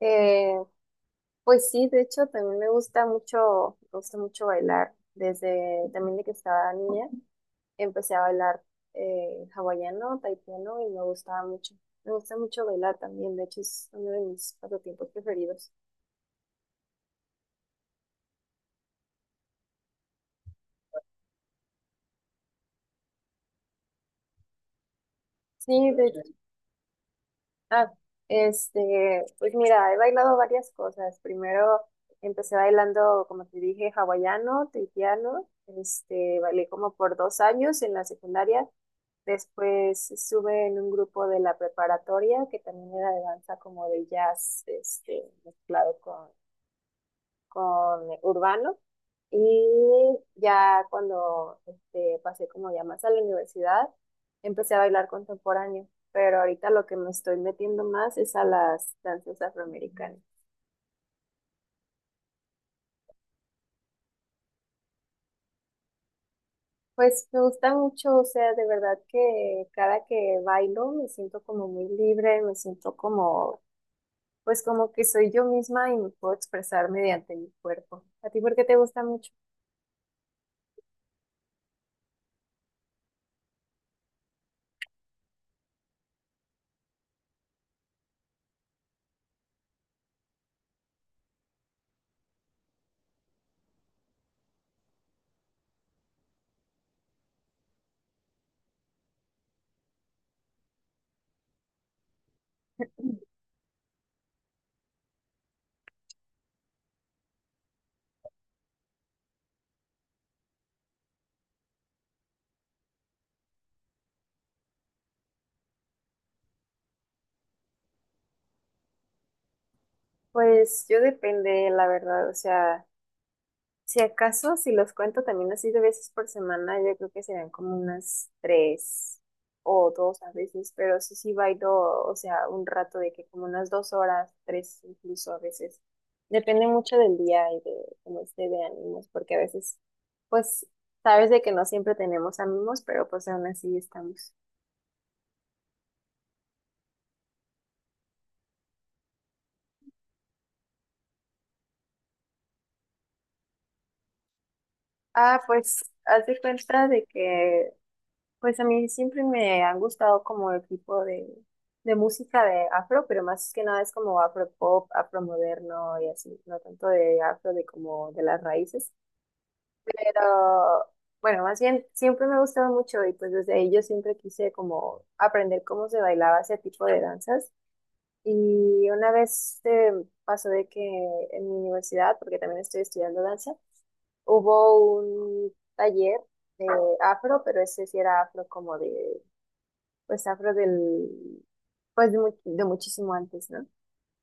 Eh, pues sí, de hecho también me gusta mucho bailar. Desde también de que estaba niña empecé a bailar hawaiano, taipiano y me gustaba mucho. Me gusta mucho bailar también, de hecho es uno de mis pasatiempos preferidos. Sí, de hecho. Ah, pues mira, he bailado varias cosas. Primero empecé bailando, como te dije, hawaiano, taipiano. Bailé como por 2 años en la secundaria. Después estuve en un grupo de la preparatoria que también era de danza como de jazz, mezclado con urbano. Y ya cuando pasé como ya más a la universidad, empecé a bailar contemporáneo. Pero ahorita lo que me estoy metiendo más es a las danzas afroamericanas. Pues me gusta mucho, o sea, de verdad que cada que bailo me siento como muy libre, me siento como pues como que soy yo misma y me puedo expresar mediante mi cuerpo. ¿A ti por qué te gusta mucho? Pues yo depende, la verdad, o sea, si acaso, si los cuento también así de veces por semana, yo creo que serían como unas tres o dos a veces, pero sí, sí bailo, o sea, un rato de que como unas 2 horas, tres incluso a veces. Depende mucho del día y de cómo esté de ánimos, porque a veces, pues, sabes de que no siempre tenemos ánimos, pero pues aún así estamos. Ah, pues haz de cuenta de que, pues a mí siempre me han gustado como el tipo de música de afro, pero más que nada es como afro pop, afro moderno y así, no tanto de afro de como de las raíces. Pero bueno, más bien siempre me ha gustado mucho y pues desde ahí yo siempre quise como aprender cómo se bailaba ese tipo de danzas. Y una vez pasó de que en mi universidad, porque también estoy estudiando danza, hubo un taller de afro, pero ese sí era afro como de, pues afro del, pues de, de muchísimo antes, ¿no?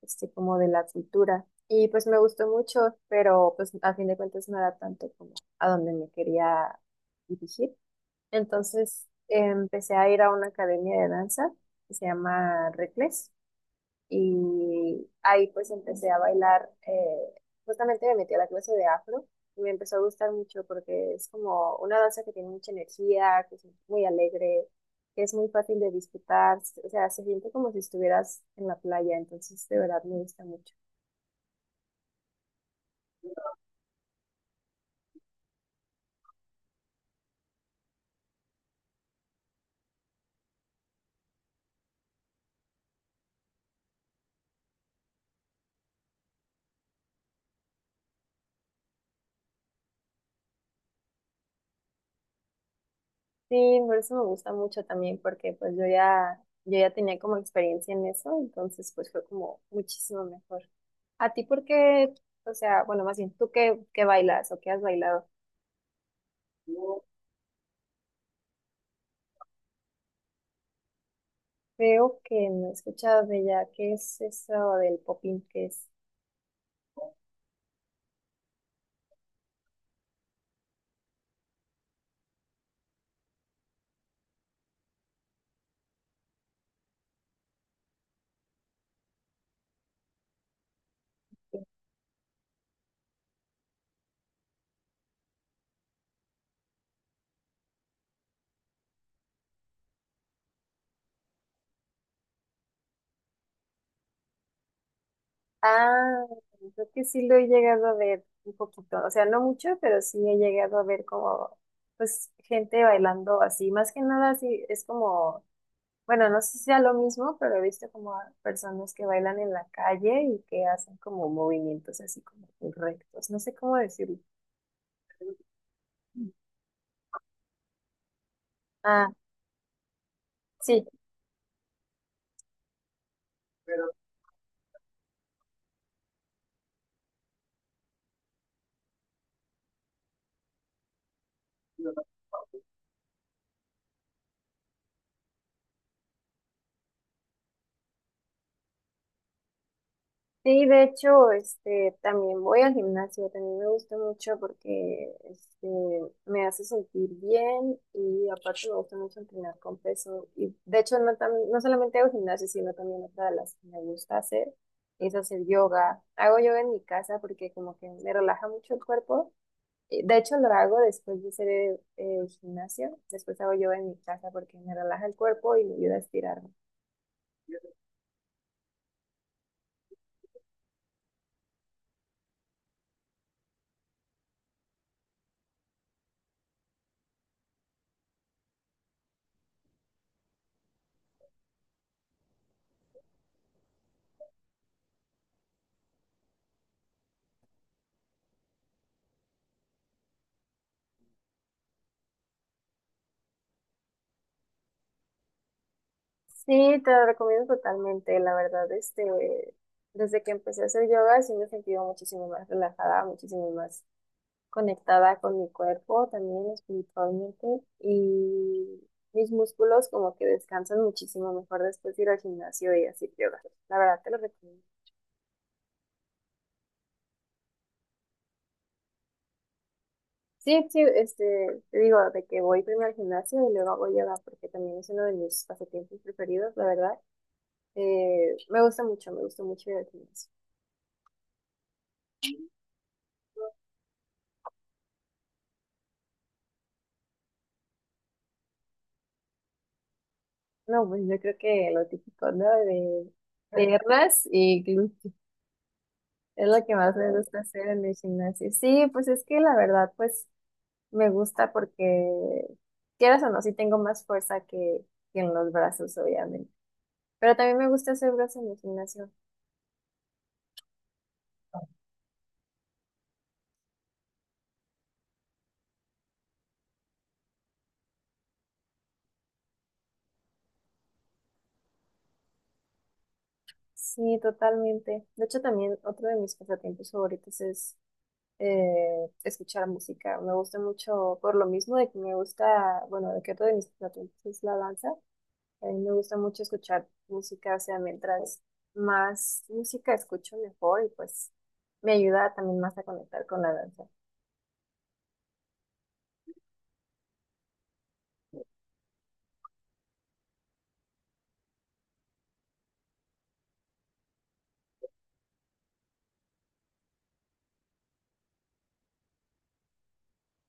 Como de la cultura. Y pues me gustó mucho, pero pues a fin de cuentas no era tanto como a donde me quería dirigir. Entonces empecé a ir a una academia de danza que se llama Recles. Y ahí pues empecé a bailar, justamente me metí a la clase de afro y me empezó a gustar mucho porque es como una danza que tiene mucha energía, que es muy alegre, que es muy fácil de disfrutar, o sea, se siente como si estuvieras en la playa, entonces de verdad me gusta mucho. Sí, por eso me gusta mucho también porque pues yo ya tenía como experiencia en eso, entonces pues fue como muchísimo mejor. ¿A ti por qué, o sea, bueno, más bien, tú qué bailas o qué has bailado? Creo que no he escuchado de ella. ¿Qué es eso del popín? ¿Qué es? Ah, creo que sí lo he llegado a ver un poquito. O sea, no mucho, pero sí he llegado a ver como, pues, gente bailando así. Más que nada, sí, es como, bueno, no sé si sea lo mismo, pero he visto como a personas que bailan en la calle y que hacen como movimientos así como rectos. No sé cómo decirlo. Ah, sí. Sí, de hecho, también voy al gimnasio, también me gusta mucho porque me hace sentir bien y aparte me gusta mucho entrenar con peso. Y de hecho, no, no solamente hago gimnasio, sino también otra de las que me gusta hacer es hacer yoga. Hago yoga en mi casa porque como que me relaja mucho el cuerpo. Y de hecho, lo hago después de hacer el gimnasio, después hago yoga en mi casa porque me relaja el cuerpo y me ayuda a estirarme. Sí, te lo recomiendo totalmente, la verdad, desde que empecé a hacer yoga sí me he sentido muchísimo más relajada, muchísimo más conectada con mi cuerpo, también espiritualmente, y mis músculos como que descansan muchísimo mejor después de ir al gimnasio y hacer yoga. La verdad, te lo recomiendo. Sí, sí, te digo, de que voy primero al gimnasio y luego hago yoga, porque también es uno de mis pasatiempos preferidos, la verdad. Me gusta mucho, me gusta mucho ir al gimnasio. No, pues yo creo que lo típico, ¿no? De piernas y glúteos. Es lo que más me gusta hacer en el gimnasio. Sí, pues es que la verdad, pues me gusta porque, quieras o no, sí tengo más fuerza que en los brazos, obviamente. Pero también me gusta hacer brazos en el gimnasio. Sí, totalmente. De hecho, también otro de mis pasatiempos favoritos es escuchar música. Me gusta mucho, por lo mismo de que me gusta, bueno, de que otro de mis pasatiempos es la danza. A mí me gusta mucho escuchar música, o sea, mientras más música escucho mejor y pues me ayuda también más a conectar con la danza.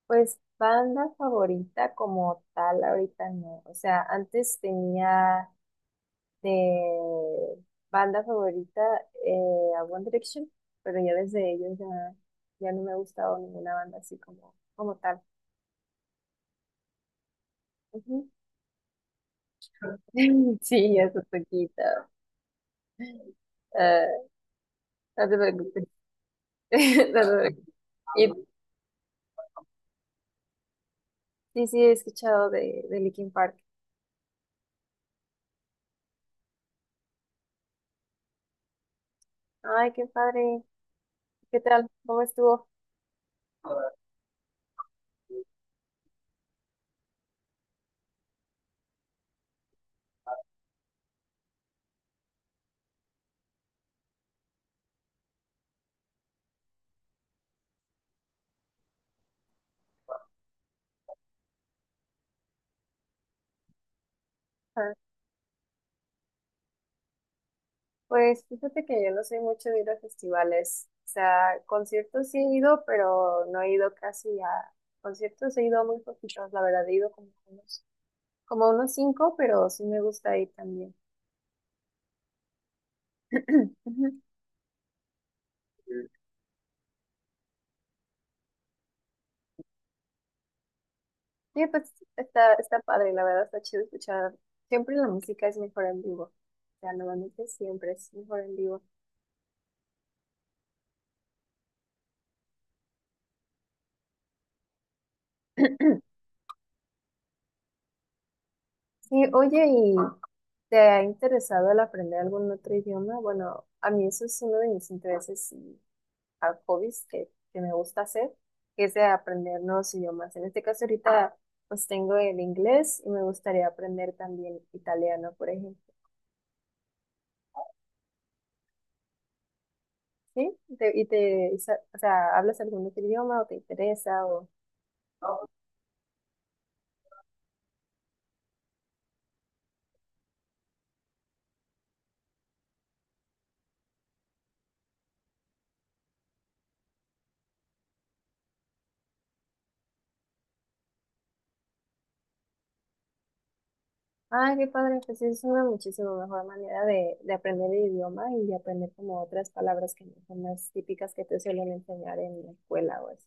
Pues banda favorita como tal ahorita no. O sea, antes tenía de banda favorita a One Direction, pero ya desde ellos ya, ya no me ha gustado ninguna banda así como tal. Ujú. Sí, eso poquito. Ah, no te preocupes. No te preocupes. Y sí, sí, he escuchado de Linkin Park. Ay, qué padre. ¿Qué tal? ¿Cómo estuvo? Ah, pues fíjate que yo no soy mucho de ir a festivales. O sea, conciertos sí he ido, pero no he ido casi a conciertos. He ido a muy poquitos, la verdad. He ido como a unos cinco, pero sí me gusta ir también. Ujú. Sí, pues está padre, la verdad, está chido escuchar. Siempre la música es mejor en vivo. O sea, normalmente siempre es mejor en vivo. Sí, oye, y ¿te ha interesado el aprender algún otro idioma? Bueno, a mí eso es uno de mis intereses y hobbies que me gusta hacer, que es de aprender nuevos idiomas. En este caso ahorita pues tengo el inglés y me gustaría aprender también italiano, por ejemplo. ¿Sí? ¿ O sea, hablas algún otro idioma o te interesa? Ay, qué padre, pues es una muchísimo mejor manera de aprender el idioma y de aprender como otras palabras que no son las típicas que te suelen enseñar en la escuela o así.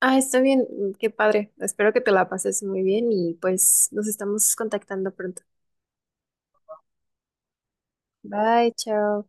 Ah, está bien, qué padre. Espero que te la pases muy bien y pues nos estamos contactando pronto. Bye, chao.